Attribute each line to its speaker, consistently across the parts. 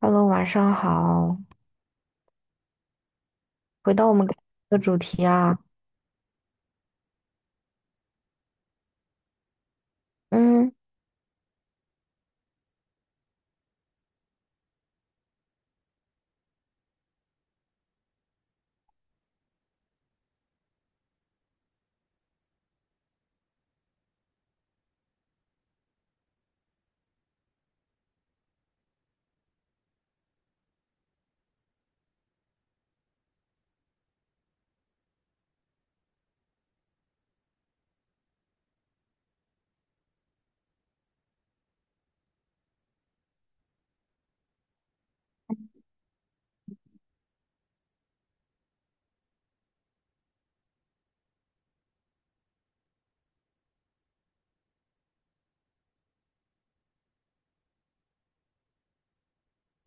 Speaker 1: Hello，晚上好。回到我们刚才的主题啊，嗯，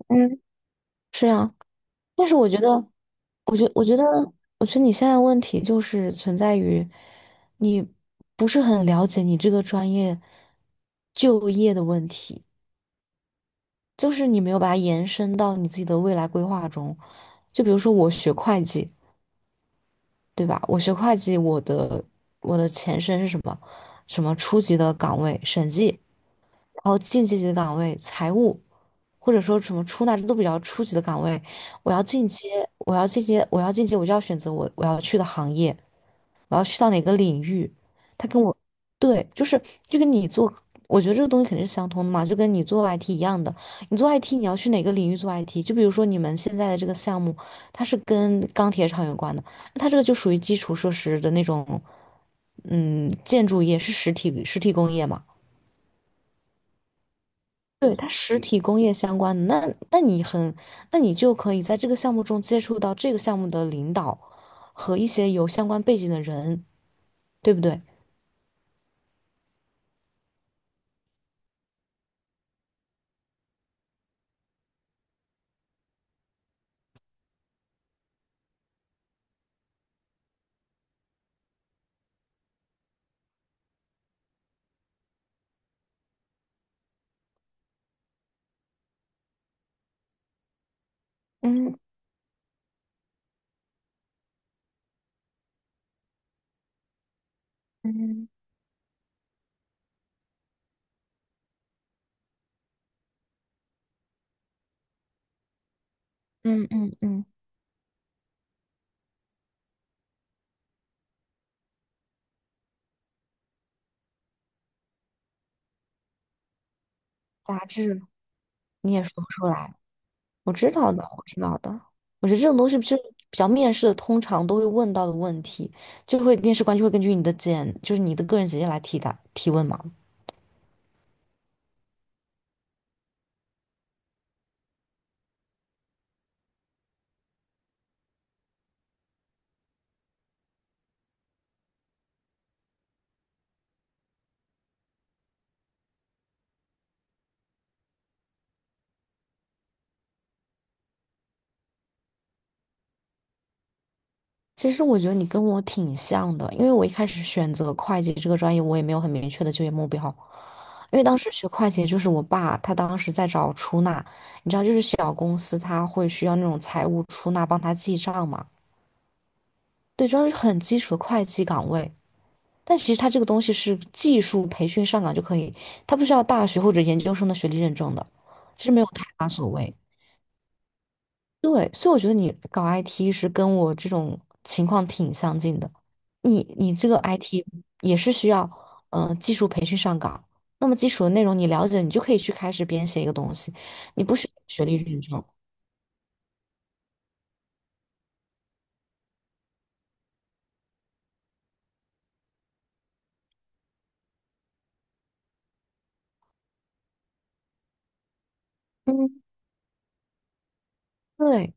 Speaker 1: 嗯，是啊，但是我觉得，我觉得，我觉得你现在的问题就是存在于你不是很了解你这个专业就业的问题，就是你没有把它延伸到你自己的未来规划中。就比如说我学会计，对吧？我学会计，我的前身是什么？什么初级的岗位，审计，然后进阶级的岗位，财务。或者说什么出纳，这都比较初级的岗位。我要进阶，我要进阶，我要进阶，我就要选择我要去的行业，我要去到哪个领域。他跟我，对，就是就跟你做，我觉得这个东西肯定是相通的嘛，就跟你做 IT 一样的。你做 IT,你要去哪个领域做 IT?就比如说你们现在的这个项目，它是跟钢铁厂有关的，那它这个就属于基础设施的那种，嗯，建筑业是实体工业嘛。对，它实体工业相关的，那那你很，那你就可以在这个项目中接触到这个项目的领导和一些有相关背景的人，对不对？嗯嗯嗯嗯嗯，杂志。你也说不出来，我知道的，我知道的。我觉得这种东西就是比较面试的，通常都会问到的问题，就会面试官就会根据你的简，就是你的个人简介来提答提问嘛。其实我觉得你跟我挺像的，因为我一开始选择会计这个专业，我也没有很明确的就业目标，因为当时学会计，就是我爸他当时在找出纳，你知道，就是小公司他会需要那种财务出纳帮他记账嘛。对，这是很基础的会计岗位，但其实他这个东西是技术培训上岗就可以，他不需要大学或者研究生的学历认证的，其实没有太大所谓。对，所以我觉得你搞 IT 是跟我这种情况挺相近的。你这个 IT 也是需要技术培训上岗，那么基础的内容你了解，你就可以去开始编写一个东西，你不需要学历认证。嗯，对，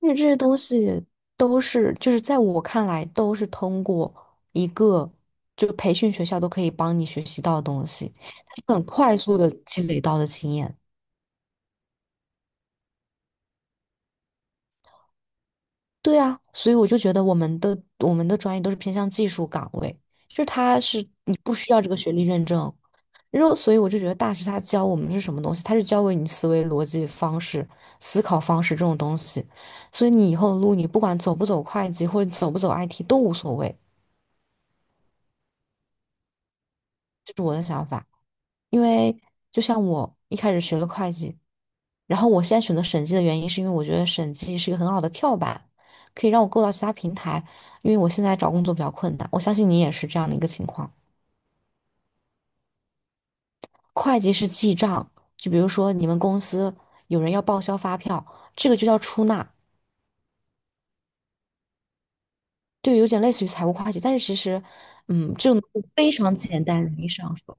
Speaker 1: 因为这些东西都是就是在我看来都是通过一个就培训学校都可以帮你学习到的东西，很快速的积累到的经验。对啊，所以我就觉得我们的专业都是偏向技术岗位，就是它是你不需要这个学历认证，然后所以我就觉得大学他教我们是什么东西，他是教给你思维逻辑方式、思考方式这种东西，所以你以后的路你不管走不走会计或者走不走 IT 都无所谓，这是我的想法，因为就像我一开始学了会计，然后我现在选择审计的原因，是因为我觉得审计是一个很好的跳板，可以让我够到其他平台。因为我现在找工作比较困难，我相信你也是这样的一个情况。会计是记账，就比如说你们公司有人要报销发票，这个就叫出纳，对，有点类似于财务会计，但是其实，嗯，这种东西非常简单，容易上手，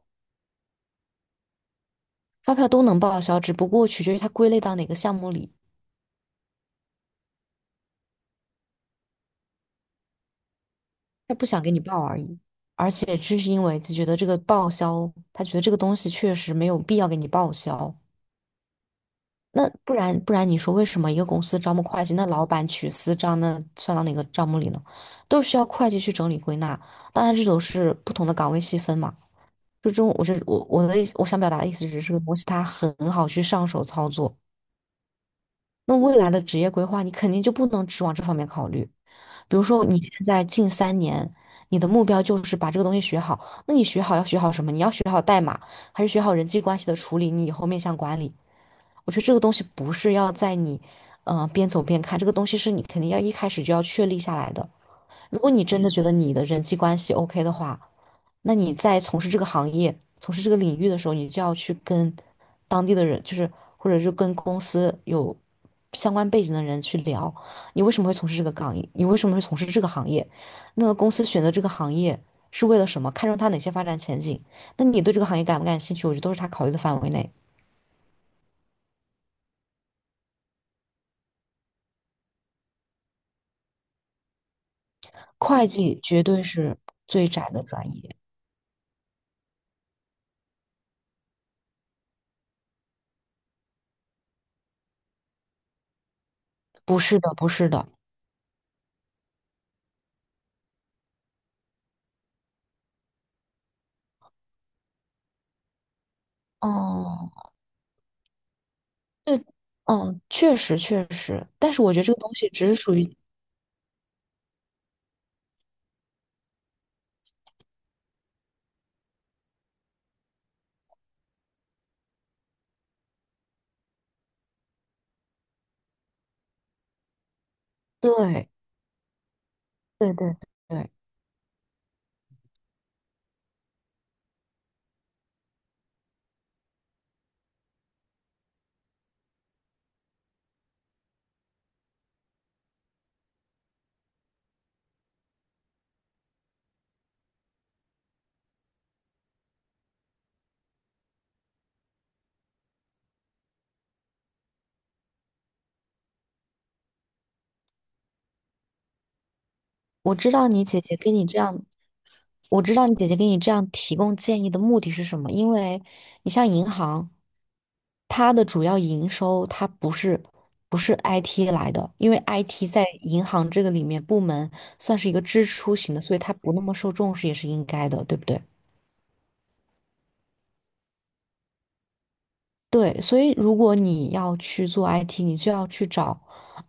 Speaker 1: 发票都能报销，只不过取决于它归类到哪个项目里。他不想给你报而已，而且这是因为他觉得这个报销，他觉得这个东西确实没有必要给你报销。那不然，你说为什么一个公司招募会计，那老板取私账，那算到哪个账目里呢？都需要会计去整理归纳。当然，这都是不同的岗位细分嘛。就这种，我是我的意思，我想表达的意思是，这个东西它很好去上手操作。那未来的职业规划，你肯定就不能只往这方面考虑。比如说你现在近三年，你的目标就是把这个东西学好，那你学好要学好什么？你要学好代码，还是学好人际关系的处理？你以后面向管理，我觉得这个东西不是要在你，边走边看，这个东西是你肯定要一开始就要确立下来的。如果你真的觉得你的人际关系 OK 的话，那你在从事这个行业、从事这个领域的时候，你就要去跟当地的人，就是或者是跟公司有相关背景的人去聊，你为什么会从事这个岗业？你为什么会从事这个行业？那个公司选择这个行业是为了什么？看中它哪些发展前景？那你对这个行业感不感兴趣？我觉得都是他考虑的范围内。会计绝对是最窄的专业，不是的，不是的。哦，对，嗯，确实确实，但是我觉得这个东西只是属于对对对对，我知道你姐姐跟你这样，我知道你姐姐给你这样提供建议的目的是什么，因为你像银行，它的主要营收它不是 IT 来的，因为 IT 在银行这个里面部门算是一个支出型的，所以它不那么受重视也是应该的，对不对？对，所以如果你要去做 IT,你就要去找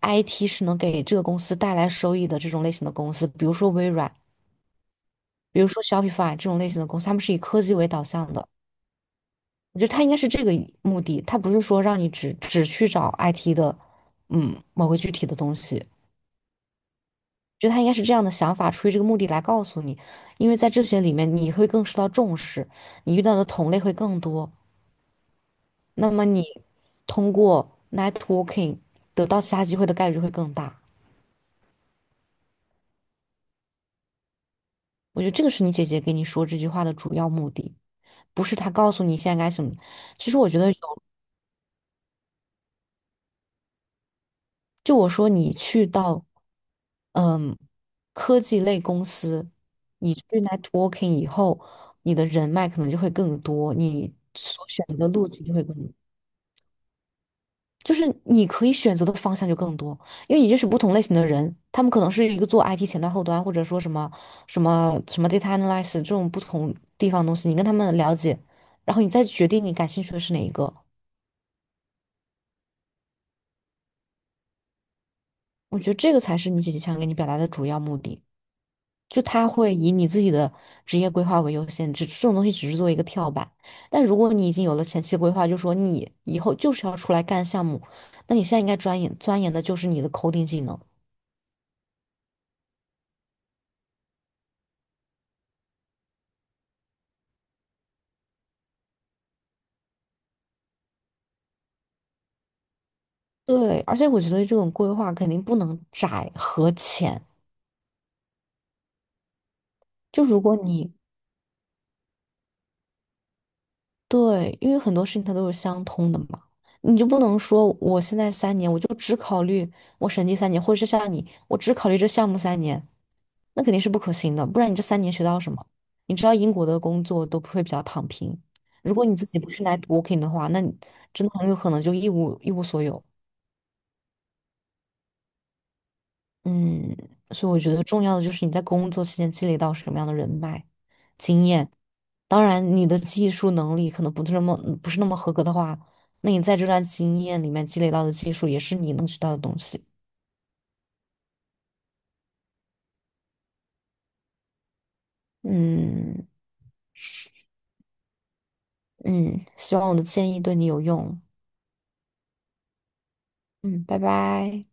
Speaker 1: IT 是能给这个公司带来收益的这种类型的公司，比如说微软，比如说 Shopify 这种类型的公司，他们是以科技为导向的。我觉得它应该是这个目的，它不是说让你只去找 IT 的，嗯，某个具体的东西。觉得他应该是这样的想法，出于这个目的来告诉你，因为在这些里面你会更受到重视，你遇到的同类会更多。那么你通过 networking 得到其他机会的概率会更大。我觉得这个是你姐姐给你说这句话的主要目的，不是她告诉你现在该什么。其实我觉得有，就我说你去到嗯科技类公司，你去 networking 以后，你的人脉可能就会更多，你所选择的路径就会更多。就是你可以选择的方向就更多，因为你认识不同类型的人，他们可能是一个做 IT 前端、后端，或者说什么 data analysis 这种不同地方的东西，你跟他们了解，然后你再决定你感兴趣的是哪一个。我觉得这个才是你姐姐想给你表达的主要目的，就他会以你自己的职业规划为优先，只这种东西只是做一个跳板。但如果你已经有了前期规划，就说你以后就是要出来干项目，那你现在应该钻研的就是你的 coding 技能。对，而且我觉得这种规划肯定不能窄和浅。就如果你对，因为很多事情它都是相通的嘛，你就不能说我现在三年我就只考虑我审计三年，或者是像你，我只考虑这项目三年，那肯定是不可行的。不然你这三年学到什么？你知道英国的工作都会比较躺平，如果你自己不是来 networking 的话，那你真的很有可能就一无所有。嗯，所以我觉得重要的就是你在工作期间积累到什么样的人脉、经验。当然，你的技术能力可能不是那么合格的话，那你在这段经验里面积累到的技术也是你能学到的东西。嗯嗯，希望我的建议对你有用。嗯，拜拜。